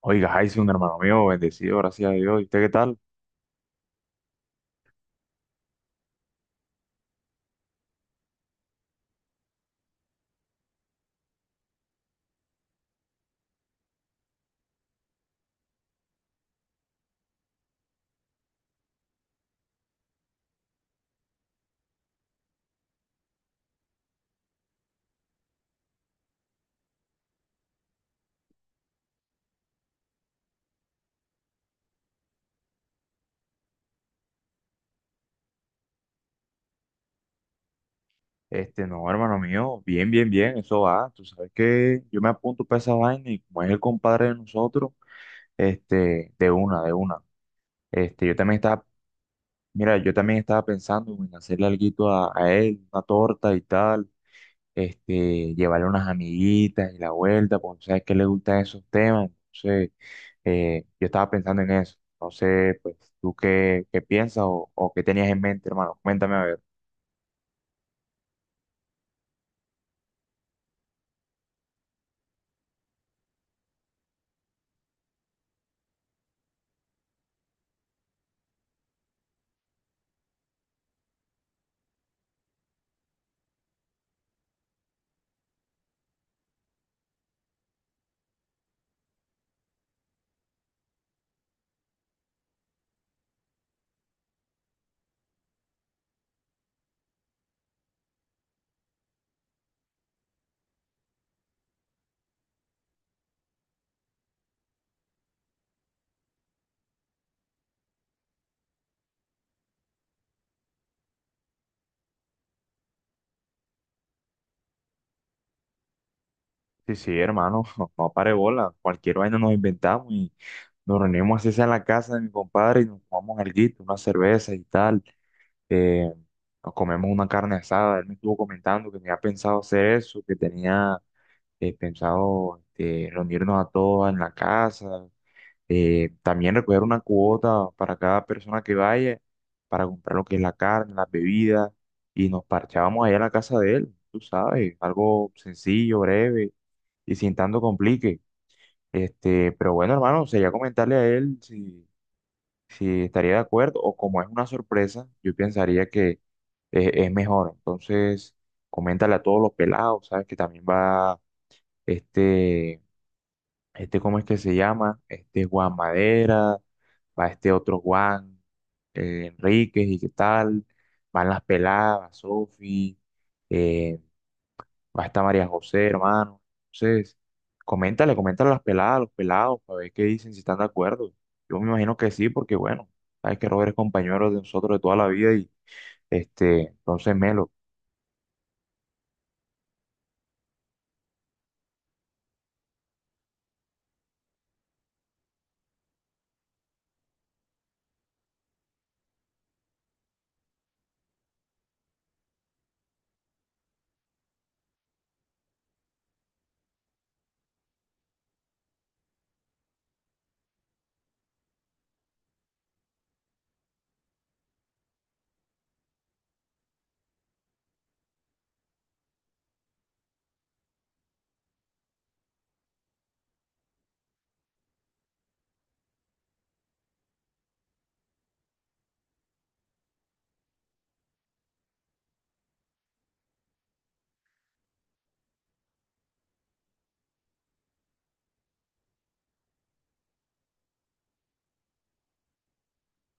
Oiga, un hermano mío, bendecido, gracias a Dios. ¿Y usted qué tal? No, hermano mío, bien, bien, bien, eso va. Tú sabes que yo me apunto para esa vaina y como es el compadre de nosotros, este, de una, de una. Este, yo también estaba, Mira, yo también estaba pensando en hacerle alguito a él, una torta y tal, este, llevarle unas amiguitas y la vuelta, porque tú sabes que le gustan esos temas. Entonces, yo estaba pensando en eso. No sé, pues, ¿tú qué piensas o qué tenías en mente, hermano? Cuéntame a ver. Sí, sí, hermano, no, no pare bola, cualquier vaina nos inventamos y nos reunimos así sea en la casa de mi compadre y nos tomamos alguito, una cerveza y tal, eh, nos comemos una carne asada. Él me estuvo comentando que tenía pensado hacer eso, que tenía pensado, reunirnos a todos en la casa, también recoger una cuota para cada persona que vaya, para comprar lo que es la carne, las bebidas, y nos parchábamos allá en la casa de él. Tú sabes, algo sencillo, breve y sin tanto complique. Este, pero bueno, hermano, sería comentarle a él si, si estaría de acuerdo o como es una sorpresa, yo pensaría que es mejor. Entonces, coméntale a todos los pelados, ¿sabes? Que también va este, este, ¿cómo es que se llama? Este Juan Madera, va este otro Juan, Enríquez y qué tal, van las peladas, Sofi, eh, va a estar María José, hermano. Entonces, coméntale, coméntale a las peladas, a los pelados, para ver qué dicen, si están de acuerdo. Yo me imagino que sí, porque bueno, sabes que Robert es compañero de nosotros de toda la vida y este, entonces Melo,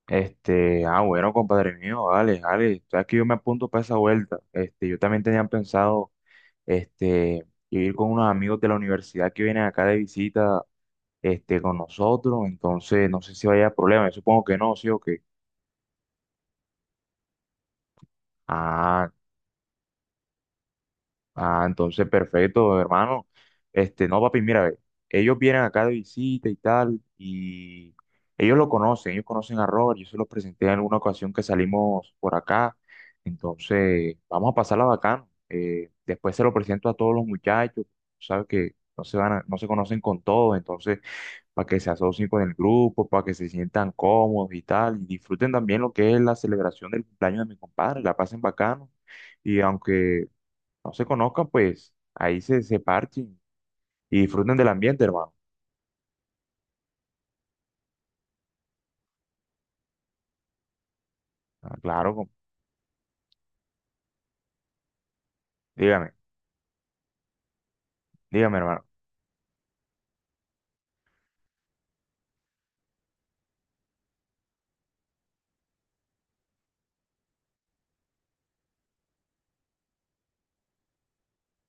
ah, bueno, compadre mío, vale, vale, sabes que yo me apunto para esa vuelta. Este, yo también tenía pensado, este, ir con unos amigos de la universidad que vienen acá de visita, este, con nosotros, entonces no sé si vaya a haber problema, yo supongo que no, sí o qué. Ah, Ah, entonces perfecto, hermano. Este, no, papi, mira, ve, ellos vienen acá de visita y tal, y ellos lo conocen, ellos conocen a Robert, yo se los presenté en alguna ocasión que salimos por acá, entonces vamos a pasarla bacano. Después se lo presento a todos los muchachos, sabes que no se van a- no se conocen con todos, entonces para que se asocien con el grupo, para que se sientan cómodos y tal, y disfruten también lo que es la celebración del cumpleaños de mi compadre, la pasen bacano. Y aunque no se conozcan, pues ahí se parchen y disfruten del ambiente, hermano. Ah, claro, com- dígame, dígame, hermano.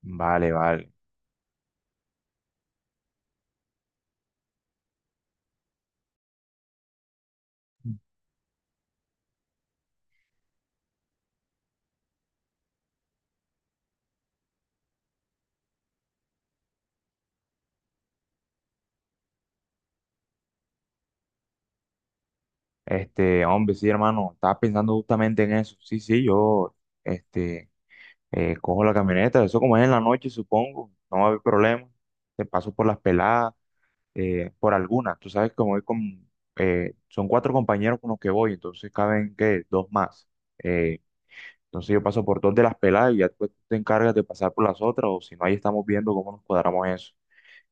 Vale, vale. Este, hombre, sí, hermano, estaba pensando justamente en eso. Sí, sí, yo, este, cojo la camioneta, eso como es en la noche, supongo, no va a haber problema. Te paso por las peladas, por algunas. Tú sabes que voy con, son cuatro compañeros con los que voy, entonces caben, que dos más. Eh, Entonces yo paso por dos de las peladas y ya tú te encargas de pasar por las otras, o si no, ahí estamos viendo cómo nos cuadramos eso.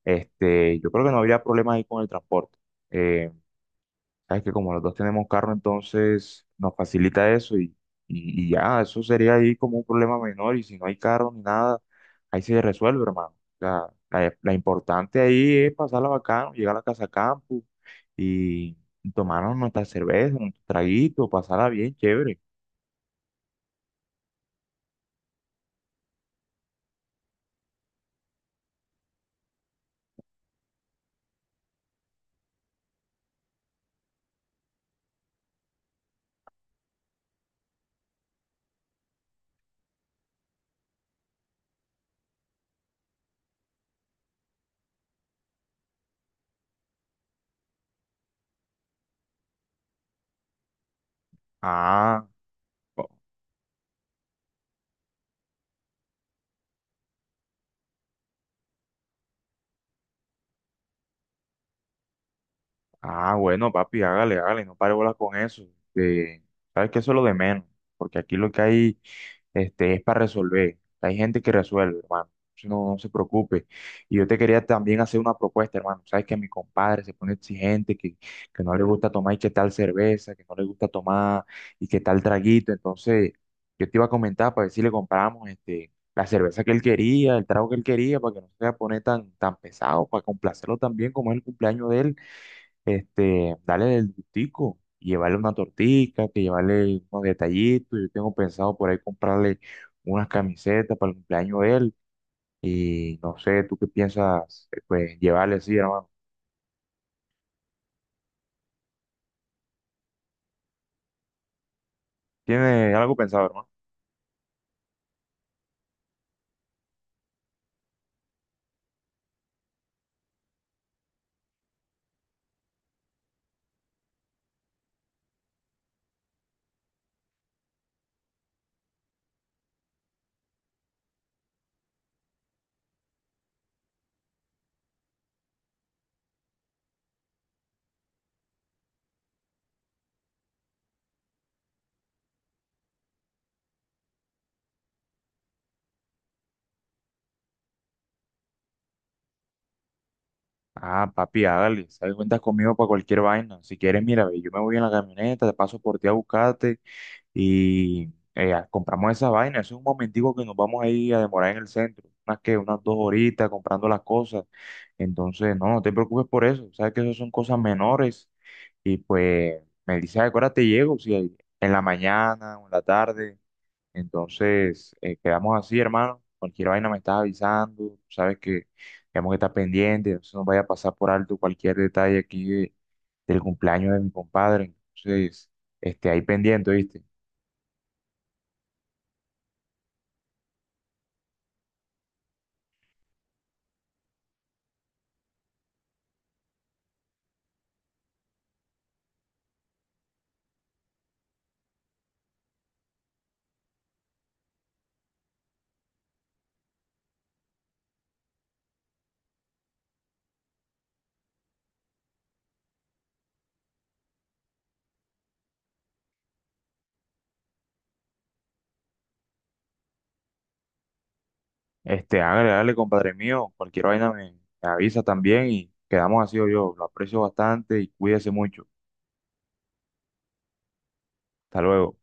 Este, yo creo que no habría problema ahí con el transporte. Eh, sabes que como los dos tenemos carro, entonces nos facilita eso y ya, eso sería ahí como un problema menor y si no hay carro ni nada, ahí se resuelve, hermano. La importante ahí es pasarla bacano, llegar a la casa campo y tomarnos nuestra cerveza, un traguito, pasarla bien, chévere. Ah. Ah, bueno, papi, hágale, hágale, no pare bolas con eso. Este, sabes que eso es lo de menos, porque aquí lo que hay es para resolver. Hay gente que resuelve, hermano. Entonces, no, no se preocupe. Y yo te quería también hacer una propuesta, hermano. Sabes que mi compadre se pone exigente, que no le gusta tomar y qué tal cerveza, que no le gusta tomar y qué tal traguito. Entonces, yo te iba a comentar para ver si le compramos este, la cerveza que él quería, el trago que él quería, para que no se vaya a poner tan pesado, para complacerlo también, como es el cumpleaños de él este, dale el gustico, llevarle una tortica, que llevarle unos detallitos. Yo tengo pensado por ahí comprarle unas camisetas para el cumpleaños de él. Y no sé, ¿tú qué piensas, pues, llevarle, sí, hermano? ¿Tienes algo pensado, hermano? Ah, papi, hágale, sabes, cuentas conmigo para cualquier vaina. Si quieres, mira, ve, yo me voy en la camioneta, te paso por ti a buscarte y compramos esa vaina. Eso es un momentico que nos vamos a ir a demorar en el centro. Unas dos horitas comprando las cosas. Entonces, no, no te preocupes por eso. Sabes que eso son cosas menores. Y pues me dice, ¿a qué hora te llego? Si hay- en la mañana o en la tarde. Entonces, quedamos así, hermano. Cualquier vaina me estás avisando. Sabes que tenemos que estar pendientes. No se nos vaya a pasar por alto cualquier detalle aquí de- del cumpleaños de mi compadre. Entonces, este, ahí pendiente, ¿viste? Este, hágale, hágale, compadre mío. Cualquier vaina me avisa también y quedamos así, yo lo aprecio bastante y cuídese mucho. Hasta luego.